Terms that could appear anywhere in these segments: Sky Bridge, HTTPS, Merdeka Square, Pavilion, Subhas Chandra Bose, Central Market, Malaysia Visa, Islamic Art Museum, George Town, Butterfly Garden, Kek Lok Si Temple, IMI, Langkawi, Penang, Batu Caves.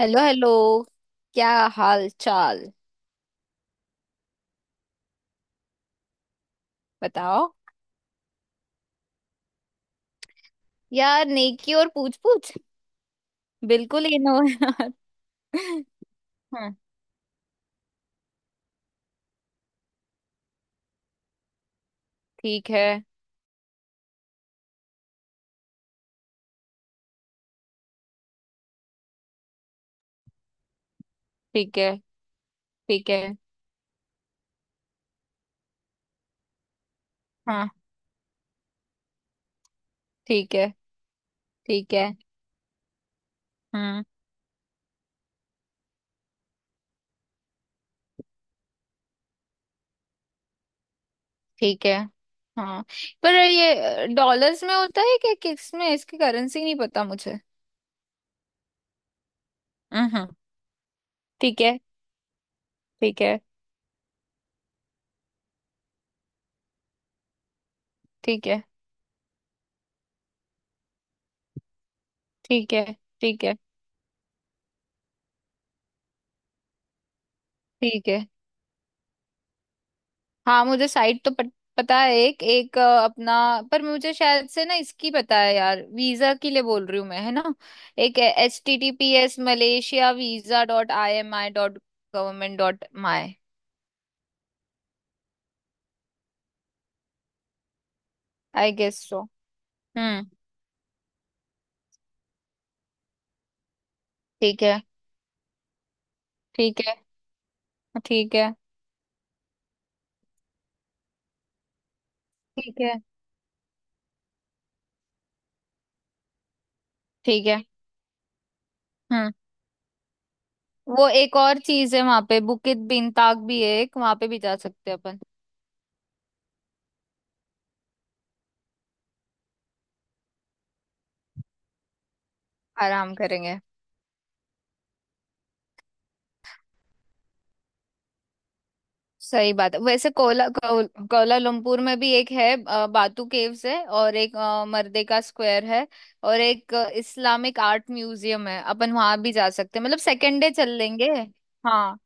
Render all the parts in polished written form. Hello hello. क्या हाल चाल? बताओ यार, नेकी और पूछ पूछ। बिल्कुल ही नो यार। हाँ। ठीक है, ठीक है, ठीक है। हाँ, ठीक है, ठीक है। हम्म, ठीक है। हाँ, पर ये डॉलर्स में होता है क्या? किस में? इसकी करेंसी नहीं पता मुझे। हम्म। ठीक है, ठीक है, ठीक है, ठीक है, ठीक है, ठीक है। हाँ, मुझे साइट तो पता है। एक एक अपना, पर मुझे शायद से ना इसकी पता है यार, वीजा के लिए बोल रही हूँ मैं, है ना। एक https://malaysiavisa.imi.gov.my। आई गेस सो। हम्म। ठीक है, ठीक है, ठीक है, ठीक है, ठीक है। हम्म, वो एक और चीज है, वहां पे बुकित बिनताक भी है, एक वहां पे भी जा सकते हैं अपन। आराम करेंगे। सही बात है, वैसे कोलालमपुर में भी एक है, बातू केव्स है, और एक मर्देका स्क्वायर है, और एक इस्लामिक आर्ट म्यूजियम है। अपन वहां भी जा सकते हैं, मतलब सेकेंड डे चल लेंगे। हाँ,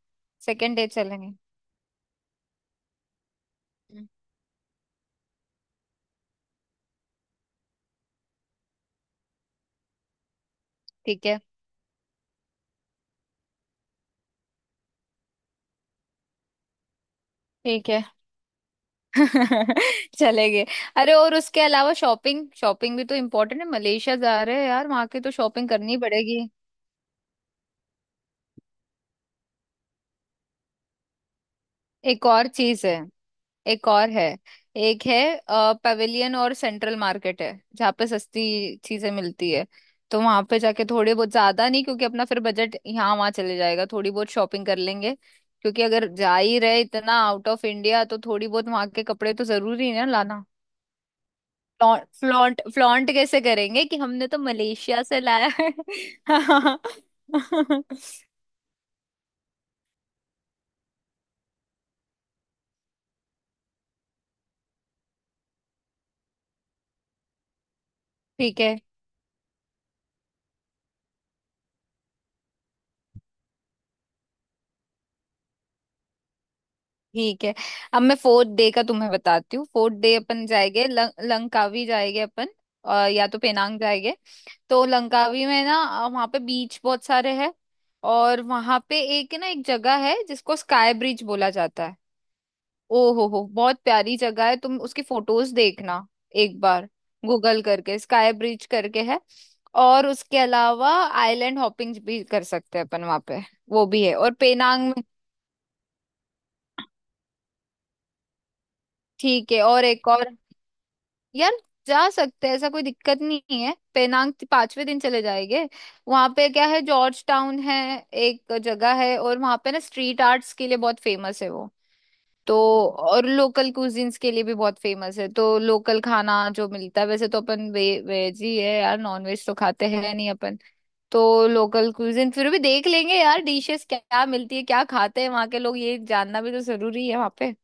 सेकेंड डे चलेंगे। हम्म, ठीक है, ठीक है। चलेंगे। अरे, और उसके अलावा शॉपिंग शॉपिंग भी तो इम्पोर्टेंट है। मलेशिया जा रहे हैं यार, वहां की तो शॉपिंग करनी ही पड़ेगी। एक और चीज है, एक और है। एक है पवेलियन और सेंट्रल मार्केट है, जहाँ पे सस्ती चीजें मिलती है। तो वहां पे जाके थोड़े बहुत, ज्यादा नहीं क्योंकि अपना फिर बजट यहाँ वहाँ चले जाएगा, थोड़ी बहुत शॉपिंग कर लेंगे। क्योंकि अगर जा ही रहे इतना आउट ऑफ इंडिया, तो थोड़ी बहुत वहां के कपड़े तो जरूरी है ना लाना। फ्लॉन्ट, फ्लॉन्ट कैसे करेंगे कि हमने तो मलेशिया से लाया है। ठीक है, ठीक है। अब मैं फोर्थ डे का तुम्हें बताती हूँ, फोर्थ डे अपन जाएंगे, लंकावी जाएंगे अपन, और या तो पेनांग जाएंगे। तो लंकावी में ना, वहाँ पे बीच बहुत सारे हैं। और वहाँ पे एक ना, एक जगह है जिसको स्काई ब्रिज बोला जाता है। ओ हो, बहुत प्यारी जगह है, तुम उसकी फोटोज देखना एक बार, गूगल करके स्काई ब्रिज करके है। और उसके अलावा आइलैंड हॉपिंग भी कर सकते हैं अपन वहाँ पे, वो भी है। और पेनांग में। ठीक है, और एक और यार, जा सकते हैं, ऐसा कोई दिक्कत नहीं है, पेनांग पांचवे दिन चले जाएंगे। वहां पे क्या है, जॉर्ज टाउन है, एक जगह है, और वहां पे ना स्ट्रीट आर्ट्स के लिए बहुत फेमस है वो। तो और लोकल कुजिन्स के लिए भी बहुत फेमस है, तो लोकल खाना जो मिलता है, वैसे तो अपन वेज ही है यार, नॉन वेज तो खाते हैं नहीं अपन। तो लोकल कुजिन फिर भी देख लेंगे यार, डिशेस क्या, क्या मिलती है, क्या खाते हैं वहाँ के लोग, ये जानना भी तो जरूरी है वहाँ पे।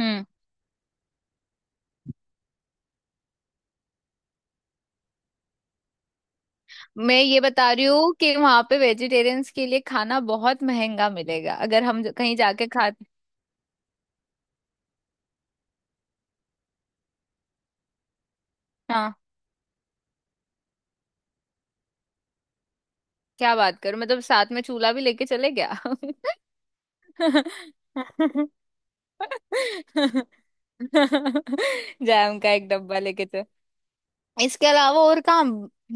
हम्म। मैं ये बता रही हूँ कि वहां पे वेजिटेरियंस के लिए खाना बहुत महंगा मिलेगा, अगर हम कहीं जाके खा। हाँ, क्या बात करूं, मतलब साथ में चूल्हा भी लेके चले गया। जैम का एक डब्बा लेके चल। इसके अलावा और कहाँ?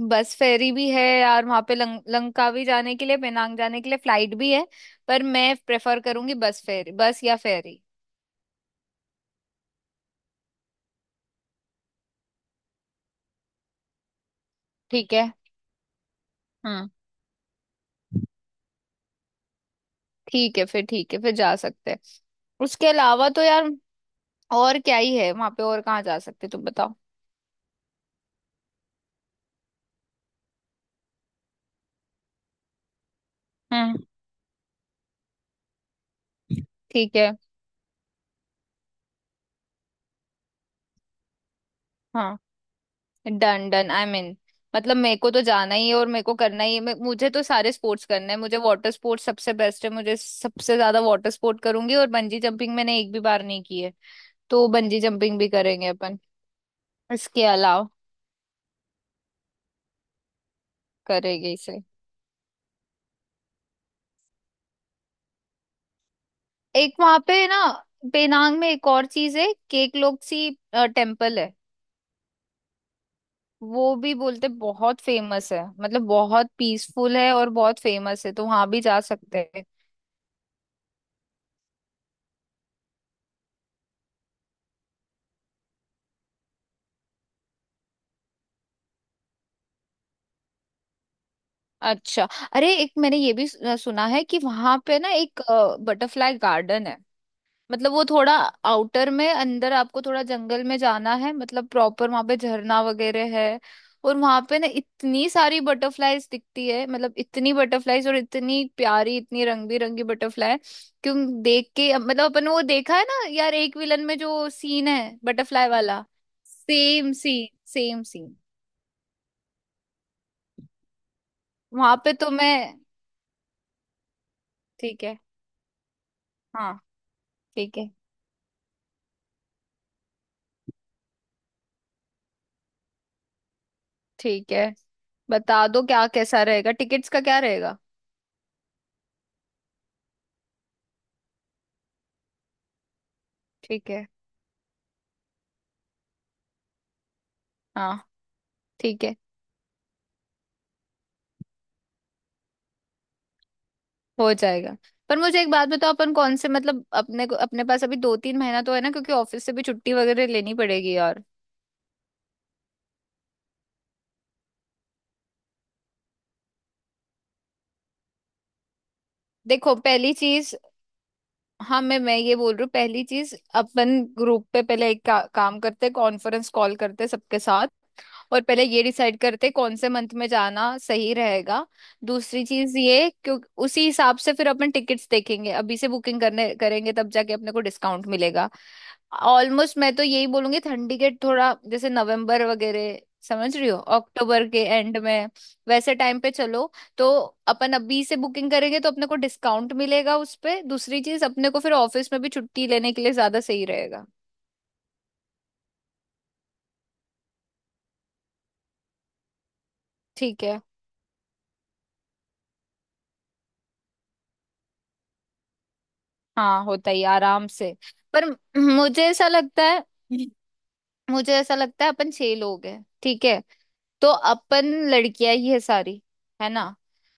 बस फेरी भी है यार वहां पे, लंकावी जाने के लिए, पेनांग जाने के लिए फ्लाइट भी है, पर मैं प्रेफर करूंगी बस फेरी, बस या फेरी। ठीक है। हम्म, ठीक है, फिर ठीक है, फिर जा सकते हैं। उसके अलावा तो यार और क्या ही है वहां पे, और कहाँ जा सकते, तुम बताओ? हम्म। ठीक है। हाँ, डन डन, आई मीन, मतलब मेरे को तो जाना ही है और मेरे को करना ही है। मुझे तो सारे स्पोर्ट्स करने हैं, मुझे वाटर स्पोर्ट्स सबसे बेस्ट है, मुझे सबसे ज्यादा वाटर स्पोर्ट करूंगी। और बंजी जंपिंग मैंने एक भी बार नहीं की है, तो बंजी जंपिंग भी करेंगे अपन। इसके अलावा करेंगे इसे। एक वहां पे ना, पेनांग में एक और चीज है, केकलोक्सी टेम्पल है। वो भी बोलते बहुत फेमस है, मतलब बहुत पीसफुल है और बहुत फेमस है, तो वहां भी जा सकते हैं। अच्छा। अरे, एक मैंने ये भी सुना है कि वहां पे ना एक बटरफ्लाई गार्डन है। मतलब वो थोड़ा आउटर में, अंदर आपको थोड़ा जंगल में जाना है, मतलब प्रॉपर वहां पे झरना वगैरह है। और वहां पे ना इतनी सारी बटरफ्लाईज दिखती है, मतलब इतनी बटरफ्लाईज और इतनी प्यारी, इतनी रंग बिरंगी बटरफ्लाई। क्यों? देख के मतलब अपन, वो देखा है ना यार, एक विलन में जो सीन है बटरफ्लाई वाला। Same scene, same scene. वहां पे तो मैं। ठीक है। हाँ, ठीक है, ठीक है, बता दो क्या कैसा रहेगा, टिकट्स का क्या रहेगा? ठीक है। हाँ, ठीक है, हो जाएगा। पर मुझे एक बात बताओ, अपन कौन से, मतलब अपने को, अपने पास अभी दो तीन महीना तो है ना, क्योंकि ऑफिस से भी छुट्टी वगैरह लेनी पड़ेगी और देखो पहली चीज, हाँ, मैं ये बोल रही हूँ पहली चीज, अपन ग्रुप पे पहले एक काम करते हैं, कॉन्फ्रेंस कॉल करते हैं सबके साथ, और पहले ये डिसाइड करते हैं कौन से मंथ में जाना सही रहेगा। दूसरी चीज, ये क्यों, उसी हिसाब से फिर अपन टिकट्स देखेंगे, अभी से बुकिंग करने करेंगे तब जाके अपने को डिस्काउंट मिलेगा। ऑलमोस्ट मैं तो यही बोलूंगी ठंडी के, थोड़ा जैसे नवंबर वगैरह, समझ रही हो, अक्टूबर के एंड में वैसे टाइम पे चलो। तो अपन अभी से बुकिंग करेंगे तो अपने को डिस्काउंट मिलेगा उस पे, दूसरी चीज अपने को फिर ऑफिस में भी छुट्टी लेने के लिए ज्यादा सही रहेगा। ठीक है। हाँ, होता ही आराम से। पर मुझे ऐसा लगता है, मुझे ऐसा लगता है अपन छह लोग हैं, ठीक है, तो अपन लड़कियां ही है सारी, है ना।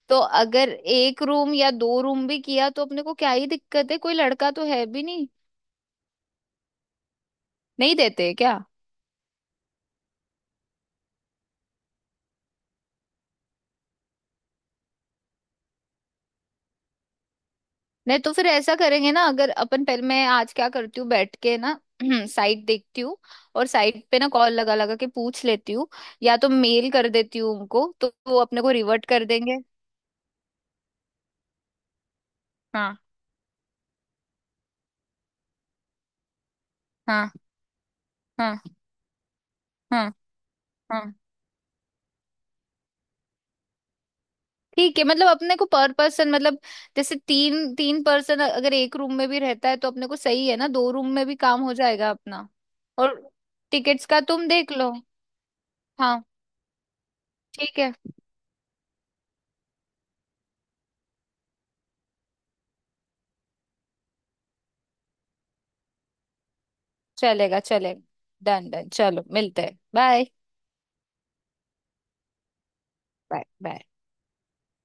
तो अगर एक रूम या दो रूम भी किया तो अपने को क्या ही दिक्कत है, कोई लड़का तो है भी नहीं। नहीं देते क्या? नहीं तो फिर ऐसा करेंगे ना, अगर अपन पहले, मैं आज क्या करती हूँ बैठ के ना साइट देखती हूँ, और साइट पे ना कॉल लगा लगा के पूछ लेती हूँ, या तो मेल कर देती हूँ उनको तो वो अपने को रिवर्ट कर देंगे। हाँ, हाँ, हाँ, हाँ, हाँ। ठीक है, मतलब अपने को पर पर्सन मतलब, जैसे तीन तीन पर्सन अगर एक रूम में भी रहता है तो अपने को सही है ना, दो रूम में भी काम हो जाएगा अपना। और टिकट्स का तुम देख लो। हाँ, ठीक है, चलेगा चलेगा, डन डन, चलो मिलते हैं, बाय, बाय, बाय।